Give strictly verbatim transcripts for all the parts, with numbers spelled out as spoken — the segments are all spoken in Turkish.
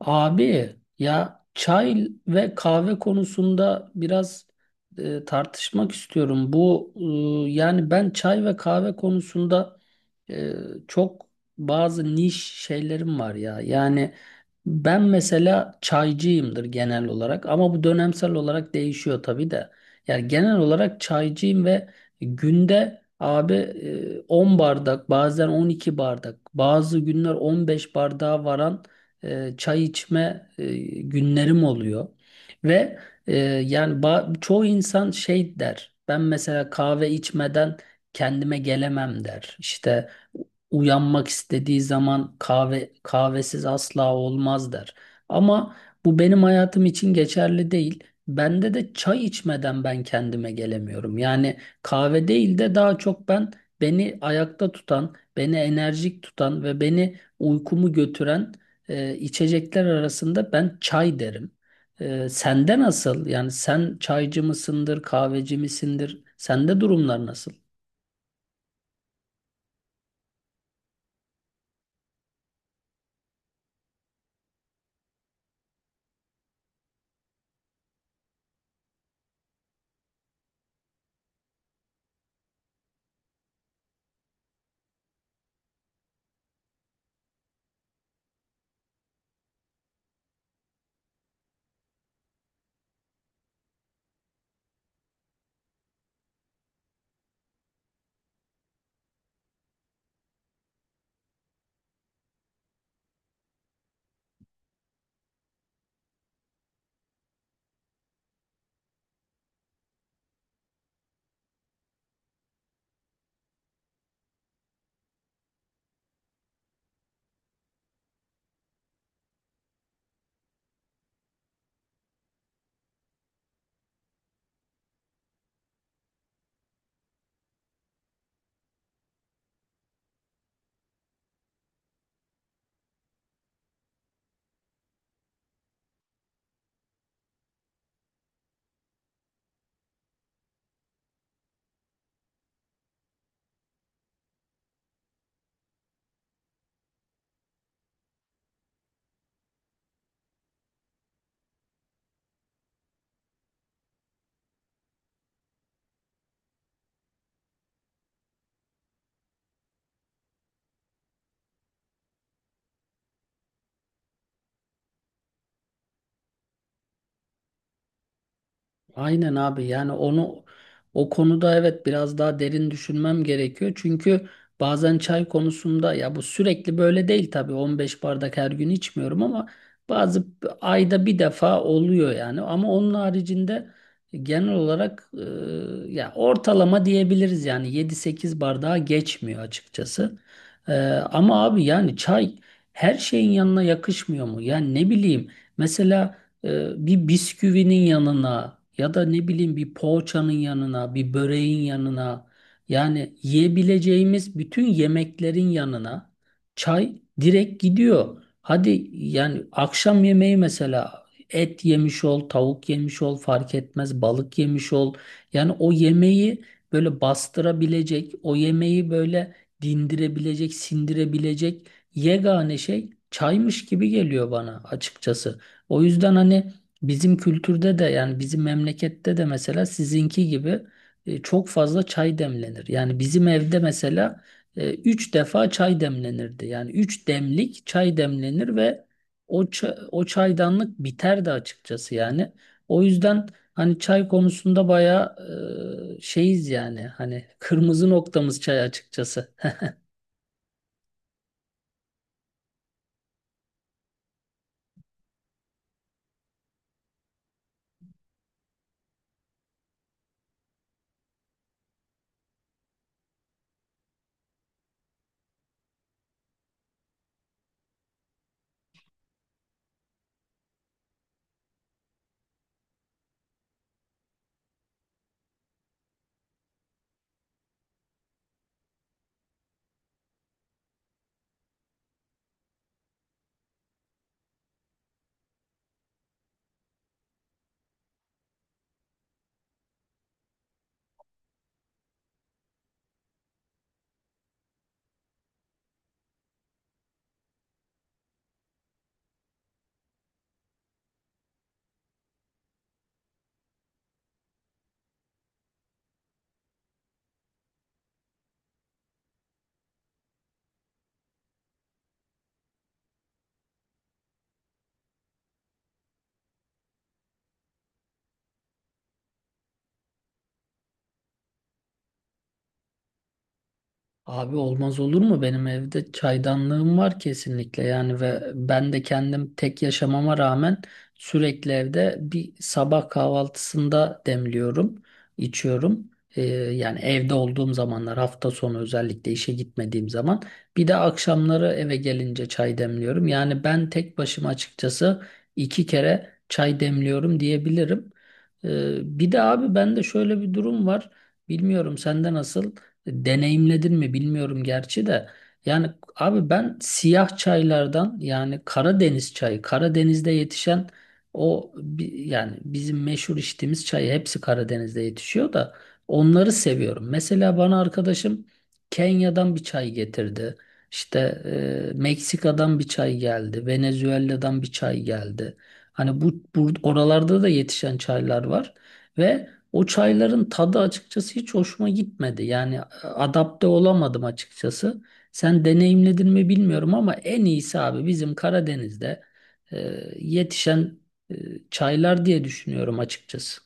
Abi ya çay ve kahve konusunda biraz e, tartışmak istiyorum. Bu e, yani ben çay ve kahve konusunda e, çok bazı niş şeylerim var ya. Yani ben mesela çaycıyımdır genel olarak ama bu dönemsel olarak değişiyor tabii de. Yani genel olarak çaycıyım ve günde abi e, on bardak bazen on iki bardak bazı günler on beş bardağa varan e, çay içme e, günlerim oluyor. Ve e, yani ba- çoğu insan şey der. Ben mesela kahve içmeden kendime gelemem der. İşte uyanmak istediği zaman kahve kahvesiz asla olmaz der. Ama bu benim hayatım için geçerli değil. Bende de çay içmeden ben kendime gelemiyorum. Yani kahve değil de daha çok ben beni ayakta tutan, beni enerjik tutan ve beni uykumu götüren e, içecekler arasında ben çay derim. E, sende nasıl? Yani sen çaycı mısındır, kahveci misindir? Sende durumlar nasıl? Aynen abi, yani onu o konuda evet biraz daha derin düşünmem gerekiyor. Çünkü bazen çay konusunda ya bu sürekli böyle değil tabii, on beş bardak her gün içmiyorum ama bazı ayda bir defa oluyor yani. Ama onun haricinde genel olarak e, ya ortalama diyebiliriz, yani yedi sekiz bardağa geçmiyor açıkçası. E, ama abi yani çay her şeyin yanına yakışmıyor mu? Yani ne bileyim, mesela e, bir bisküvinin yanına ya da ne bileyim bir poğaçanın yanına, bir böreğin yanına, yani yiyebileceğimiz bütün yemeklerin yanına çay direkt gidiyor. Hadi yani akşam yemeği, mesela et yemiş ol, tavuk yemiş ol fark etmez, balık yemiş ol. Yani o yemeği böyle bastırabilecek, o yemeği böyle dindirebilecek, sindirebilecek yegane şey çaymış gibi geliyor bana açıkçası. O yüzden hani bizim kültürde de, yani bizim memlekette de mesela sizinki gibi e, çok fazla çay demlenir. Yani bizim evde mesela e, üç defa çay demlenirdi. Yani üç demlik çay demlenir ve o ça- o çaydanlık biterdi açıkçası yani. O yüzden hani çay konusunda bayağı e, şeyiz yani. Hani kırmızı noktamız çay açıkçası. Abi olmaz olur mu? Benim evde çaydanlığım var kesinlikle yani, ve ben de kendim tek yaşamama rağmen sürekli evde bir sabah kahvaltısında demliyorum, içiyorum. Ee, yani evde olduğum zamanlar, hafta sonu özellikle işe gitmediğim zaman, bir de akşamları eve gelince çay demliyorum. Yani ben tek başıma açıkçası iki kere çay demliyorum diyebilirim. Ee, bir de abi bende şöyle bir durum var. Bilmiyorum sende nasıl, deneyimledin mi bilmiyorum gerçi de. Yani abi ben siyah çaylardan, yani Karadeniz çayı, Karadeniz'de yetişen o bi- yani bizim meşhur içtiğimiz çayı, hepsi Karadeniz'de yetişiyor da, onları seviyorum. Mesela bana arkadaşım Kenya'dan bir çay getirdi. İşte e, Meksika'dan bir çay geldi, Venezuela'dan bir çay geldi. Hani bu, bu oralarda da yetişen çaylar var ve o çayların tadı açıkçası hiç hoşuma gitmedi. Yani e, adapte olamadım açıkçası. Sen deneyimledin mi bilmiyorum ama en iyisi abi bizim Karadeniz'de e, yetişen e, çaylar diye düşünüyorum açıkçası.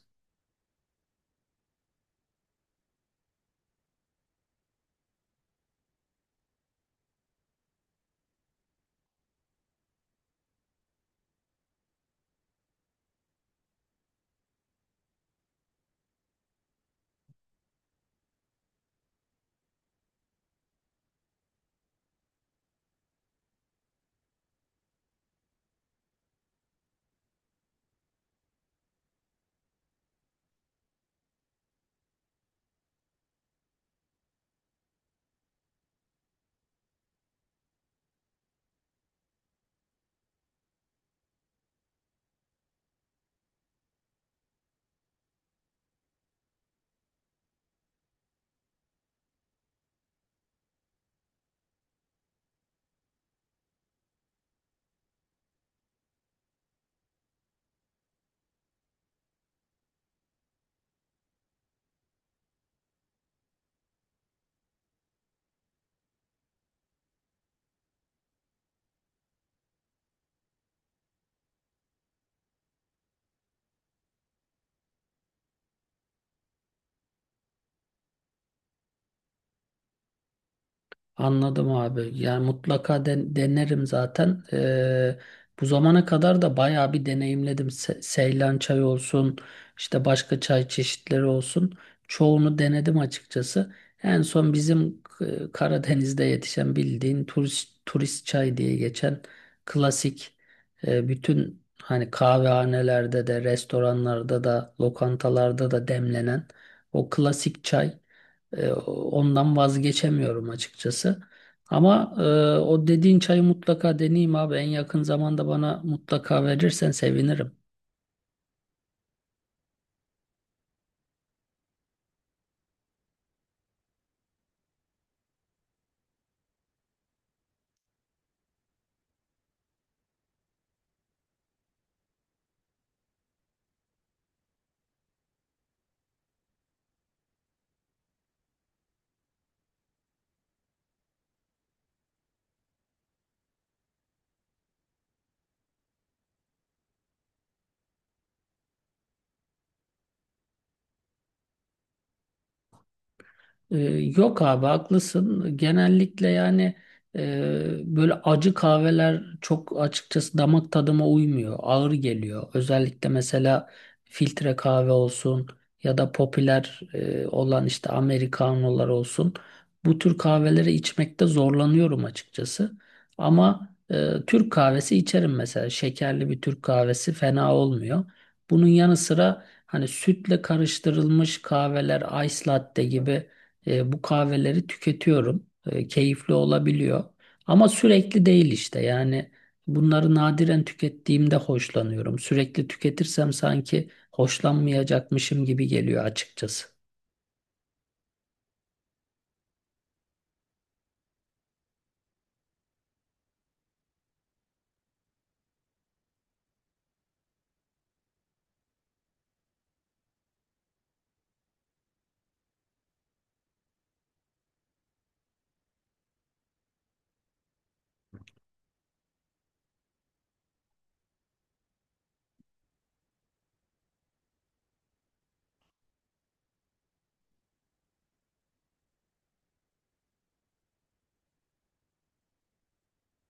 Anladım abi. Yani mutlaka den- denerim zaten. Ee, bu zamana kadar da bayağı bir deneyimledim. Se- Seylan çayı olsun, işte başka çay çeşitleri olsun. Çoğunu denedim açıkçası. En son bizim e, Karadeniz'de yetişen, bildiğin turist turist çay diye geçen klasik, e, bütün hani kahvehanelerde de, restoranlarda da, lokantalarda da demlenen o klasik çay. E, ondan vazgeçemiyorum açıkçası. Ama e, o dediğin çayı mutlaka deneyeyim abi. En yakın zamanda bana mutlaka verirsen sevinirim. Ee, Yok abi, haklısın. Genellikle yani e, böyle acı kahveler çok açıkçası damak tadıma uymuyor. Ağır geliyor. Özellikle mesela filtre kahve olsun ya da popüler e, olan işte Amerikanolar olsun. Bu tür kahveleri içmekte zorlanıyorum açıkçası. Ama e, Türk kahvesi içerim mesela. Şekerli bir Türk kahvesi fena olmuyor. Bunun yanı sıra hani sütle karıştırılmış kahveler, ice latte gibi e, bu kahveleri tüketiyorum. E, keyifli olabiliyor. Ama sürekli değil işte. Yani bunları nadiren tükettiğimde hoşlanıyorum. Sürekli tüketirsem sanki hoşlanmayacakmışım gibi geliyor açıkçası.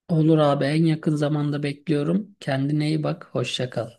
Olur abi, en yakın zamanda bekliyorum. Kendine iyi bak. Hoşça kal.